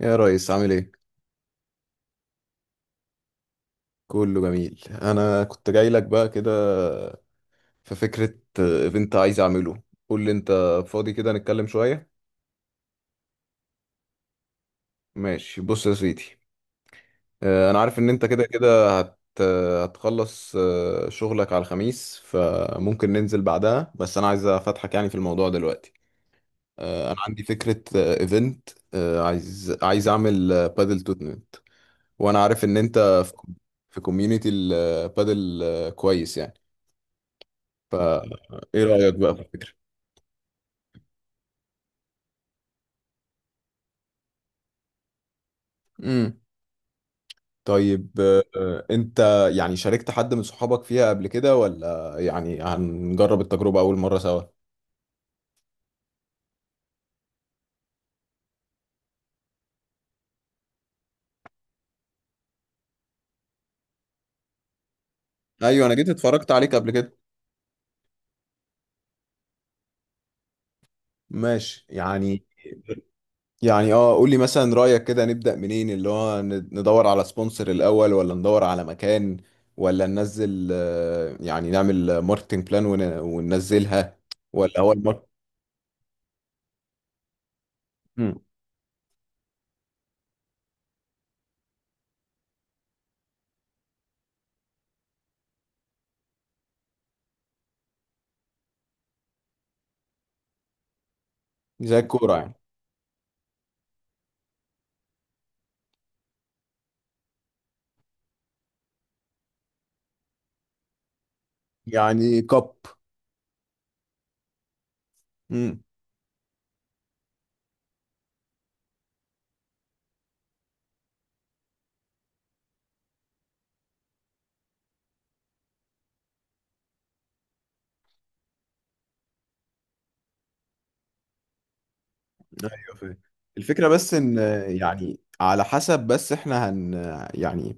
يا ريس عامل ايه؟ كله جميل، انا كنت جاي لك بقى كده. في فكرة ايفنت عايز اعمله. قول لي انت فاضي كده نتكلم شوية. ماشي بص يا سيدي، انا عارف ان انت كده كده هت آه، هتخلص شغلك على الخميس، فممكن ننزل بعدها. بس انا عايز افتحك يعني في الموضوع دلوقتي. انا عندي فكرة ايفنت. عايز اعمل بادل تورنمنت. وانا عارف ان انت في كوميونتي البادل كويس يعني. فايه رأيك بقى في الفكرة؟ امم طيب. انت يعني شاركت حد من صحابك فيها قبل كده، ولا يعني هنجرب التجربة أول مرة سوا؟ ايوه انا جيت اتفرجت عليك قبل كده. ماشي يعني. يعني اه قول لي مثلا رأيك كده نبدأ منين؟ اللي هو ندور على سبونسر الأول، ولا ندور على مكان، ولا ننزل يعني نعمل ماركتنج بلان وننزلها، ولا هو الماركت. مم. زي الكورة يعني كاب. فاهم. الفكرة بس ان يعني على حسب. بس احنا هن يعني،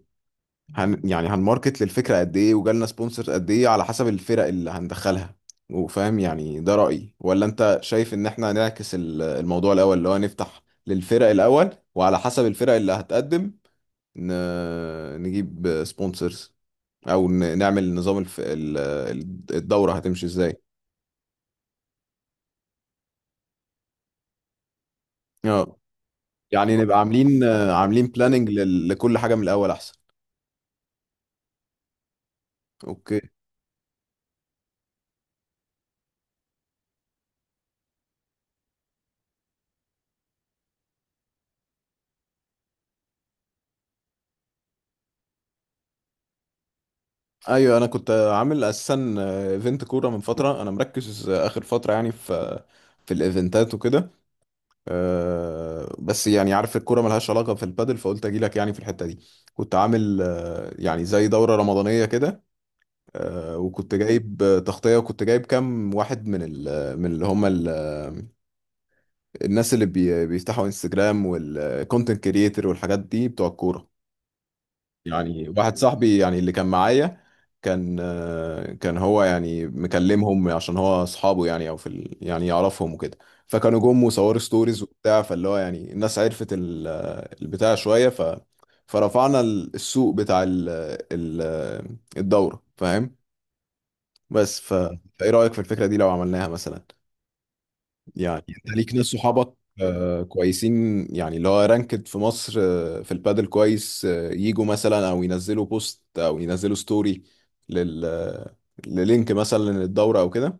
هن يعني هنماركت للفكرة قد ايه، وجالنا سبونسرز قد ايه على حسب الفرق اللي هندخلها. وفاهم يعني ده رأيي، ولا انت شايف ان احنا نعكس الموضوع الاول، اللي هو نفتح للفرق الاول، وعلى حسب الفرق اللي هتقدم ن... نجيب سبونسرز، او نعمل نظام الدورة هتمشي ازاي. اه يعني نبقى عاملين بلاننج لكل حاجة من الاول احسن. اوكي. ايوه انا كنت عامل اساسا ايفنت كوره من فتره. انا مركز اخر فتره يعني في الايفنتات وكده. بس يعني عارف الكوره ملهاش علاقه في البادل، فقلت اجي لك يعني في الحته دي. كنت عامل يعني زي دوره رمضانيه كده. وكنت جايب تغطيه، وكنت جايب كام واحد من ال من اللي هم الناس اللي بيفتحوا انستجرام، والكونتنت كريتور والحاجات دي بتوع الكوره. يعني واحد صاحبي يعني اللي كان معايا، كان هو يعني مكلمهم، عشان هو اصحابه يعني او يعني يعرفهم وكده. فكانوا جم وصوروا ستوريز وبتاع. فاللي هو يعني الناس عرفت ال... آه، البتاع شويه فرفعنا السوق بتاع ال... ال... آه، الدوره، فاهم. بس فايه رايك في الفكره دي لو عملناها مثلا؟ يعني انت ليك ناس صحابك كويسين، يعني اللي هو رانكد في مصر في البادل كويس، يجوا مثلا، او ينزلوا بوست او ينزلوا ستوري لل آه، للينك مثلا للدورة او كده.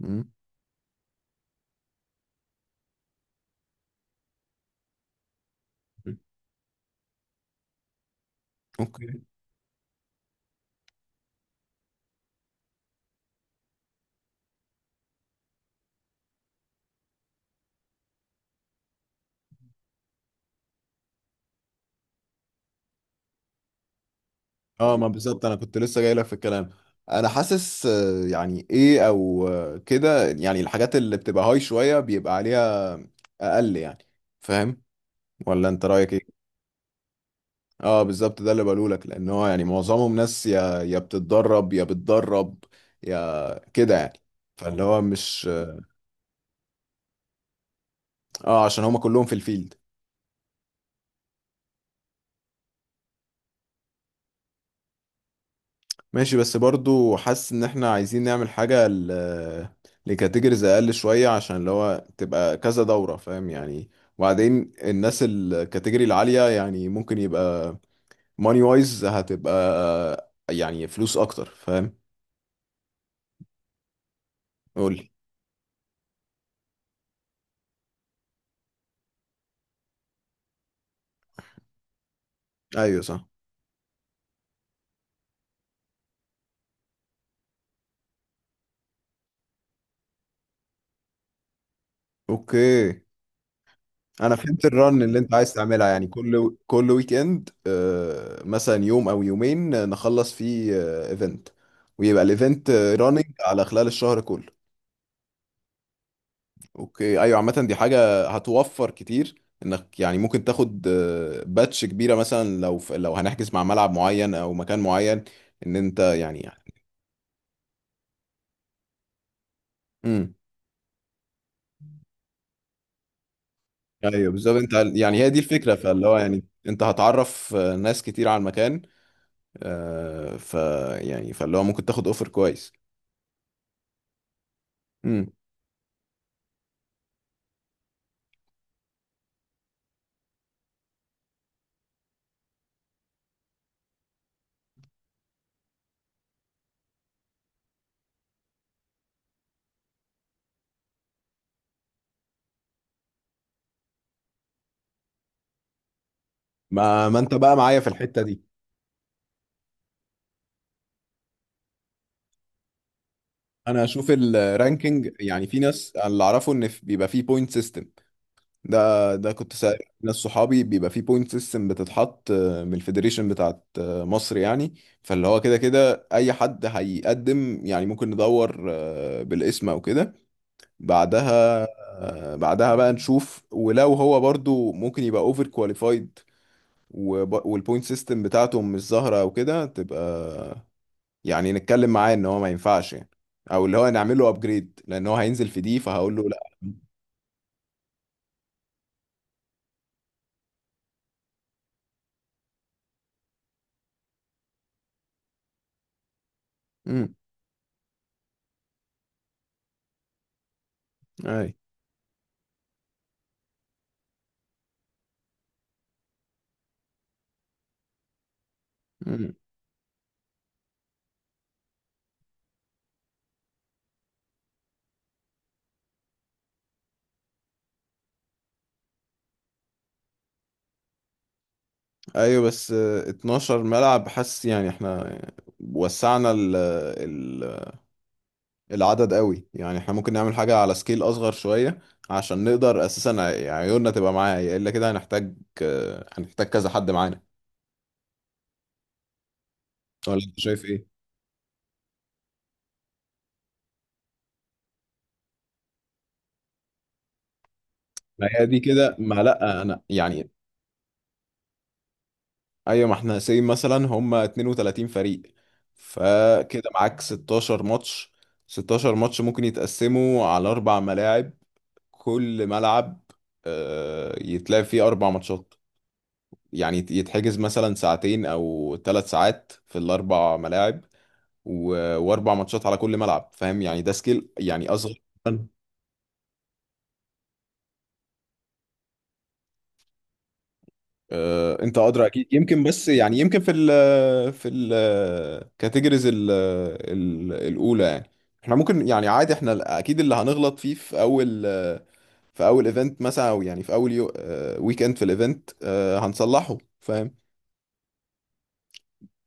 مم. اوكي. اه، ما بالظبط انا كنت لسه جاي لك في الكلام. انا حاسس يعني ايه، او كده يعني. الحاجات اللي بتبقى هاي شوية بيبقى عليها اقل يعني، فاهم؟ ولا انت رأيك ايه؟ اه بالظبط ده اللي بقوله لك، لان هو يعني معظمهم ناس يا بتتدرب، يا بتدرب، يا كده يعني، فاللي هو مش. اه عشان هما كلهم في الفيلد. ماشي، بس برضو حاسس ان احنا عايزين نعمل حاجة لكاتيجوريز اقل شوية، عشان اللي هو تبقى كذا دورة، فاهم يعني. وبعدين الناس الكاتيجوري العالية يعني ممكن يبقى ماني وايز، هتبقى يعني فلوس اكتر، فاهم. قولي. ايوه صح. اوكي. انا فهمت الرن اللي انت عايز تعملها، يعني كل ويك اند مثلا يوم او يومين نخلص فيه ايفنت، ويبقى الايفنت راننج على خلال الشهر كله. اوكي. ايوه عامه دي حاجه هتوفر كتير، انك يعني ممكن تاخد باتش كبيره مثلا لو لو هنحجز مع ملعب معين او مكان معين. ان انت يعني. امم ايوه بالظبط. انت يعني هي دي الفكره، فاللي هو يعني انت هتعرف ناس كتير على المكان، آه، ف يعني فاللي هو ممكن تاخد اوفر كويس. امم ما انت بقى معايا في الحته دي. انا اشوف الرانكينج، يعني في ناس. أنا اللي اعرفه ان بيبقى فيه بوينت سيستم. ده كنت سائل ناس صحابي بيبقى فيه بوينت سيستم بتتحط من الفيدريشن بتاعت مصر يعني. فاللي هو كده كده اي حد هيقدم يعني ممكن ندور بالاسم او كده بعدها. بعدها بقى نشوف، ولو هو برضو ممكن يبقى اوفر كواليفايد، والبوينت سيستم بتاعته مش ظاهره او كده، تبقى يعني نتكلم معاه ان هو ما ينفعش يعني، او اللي هو نعمل له ابجريد، لان هو هينزل في دي فهقول له لا. امم اي. امم ايوه، بس 12 ملعب. حاسس يعني احنا وسعنا ال العدد قوي. يعني احنا ممكن نعمل حاجة على سكيل اصغر شوية، عشان نقدر اساسا عيوننا تبقى معايا. الا كده، هنحتاج كذا حد معانا. ولا انت شايف ايه؟ ما هي دي كده. ما لا انا يعني ايوه. ما احنا سي مثلا هم 32 فريق، فكده معاك 16 ماتش. 16 ماتش ممكن يتقسموا على اربع ملاعب. كل ملعب يتلعب فيه اربع ماتشات، يعني يتحجز مثلا ساعتين او ثلاث ساعات في الاربع ملاعب، واربع ماتشات على كل ملعب، فاهم يعني؟ ده سكيل يعني اصغر. انت ادرى اكيد، يمكن. بس يعني يمكن في الكاتيجوريز الاولى يعني، احنا ممكن يعني عادي. احنا اكيد اللي هنغلط فيه في اول، ايفنت مثلا، او يعني في اول ويك اند في الايفنت هنصلحه، فاهم.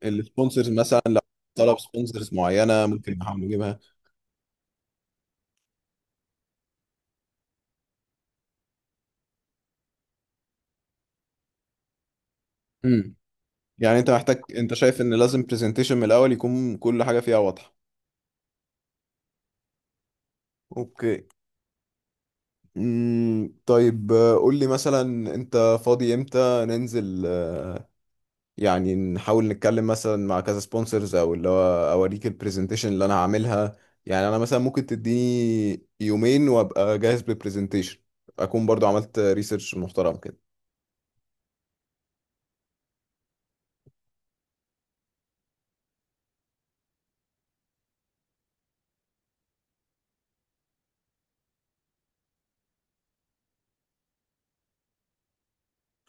السبونسرز مثلا لو طلب سبونسرز معينه ممكن نحاول نجيبها. امم يعني انت شايف ان لازم برزنتيشن من الاول يكون كل حاجه فيها واضحه. اوكي. مم، طيب، قول لي مثلا انت فاضي امتى ننزل. يعني نحاول نتكلم مثلا مع كذا سبونسرز، او اللي هو اوريك البرزنتيشن اللي انا هعملها. يعني انا مثلا ممكن تديني يومين وابقى جاهز بالبرزنتيشن، اكون برضو عملت ريسيرش محترم كده.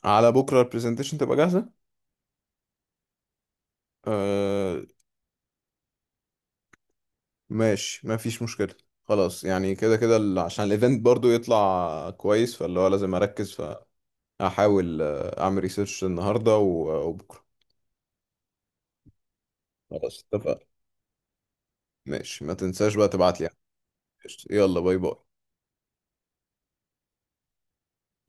على بكره البرزنتيشن تبقى جاهزه. آه. ماشي، ما فيش مشكله. خلاص، يعني كده كده عشان الايفنت برضو يطلع كويس، فاللي هو لازم اركز هحاول اعمل ريسيرش النهارده وبكره. خلاص اتفقنا. ماشي، ما تنساش بقى تبعت لي. قشطة. يلا باي باي.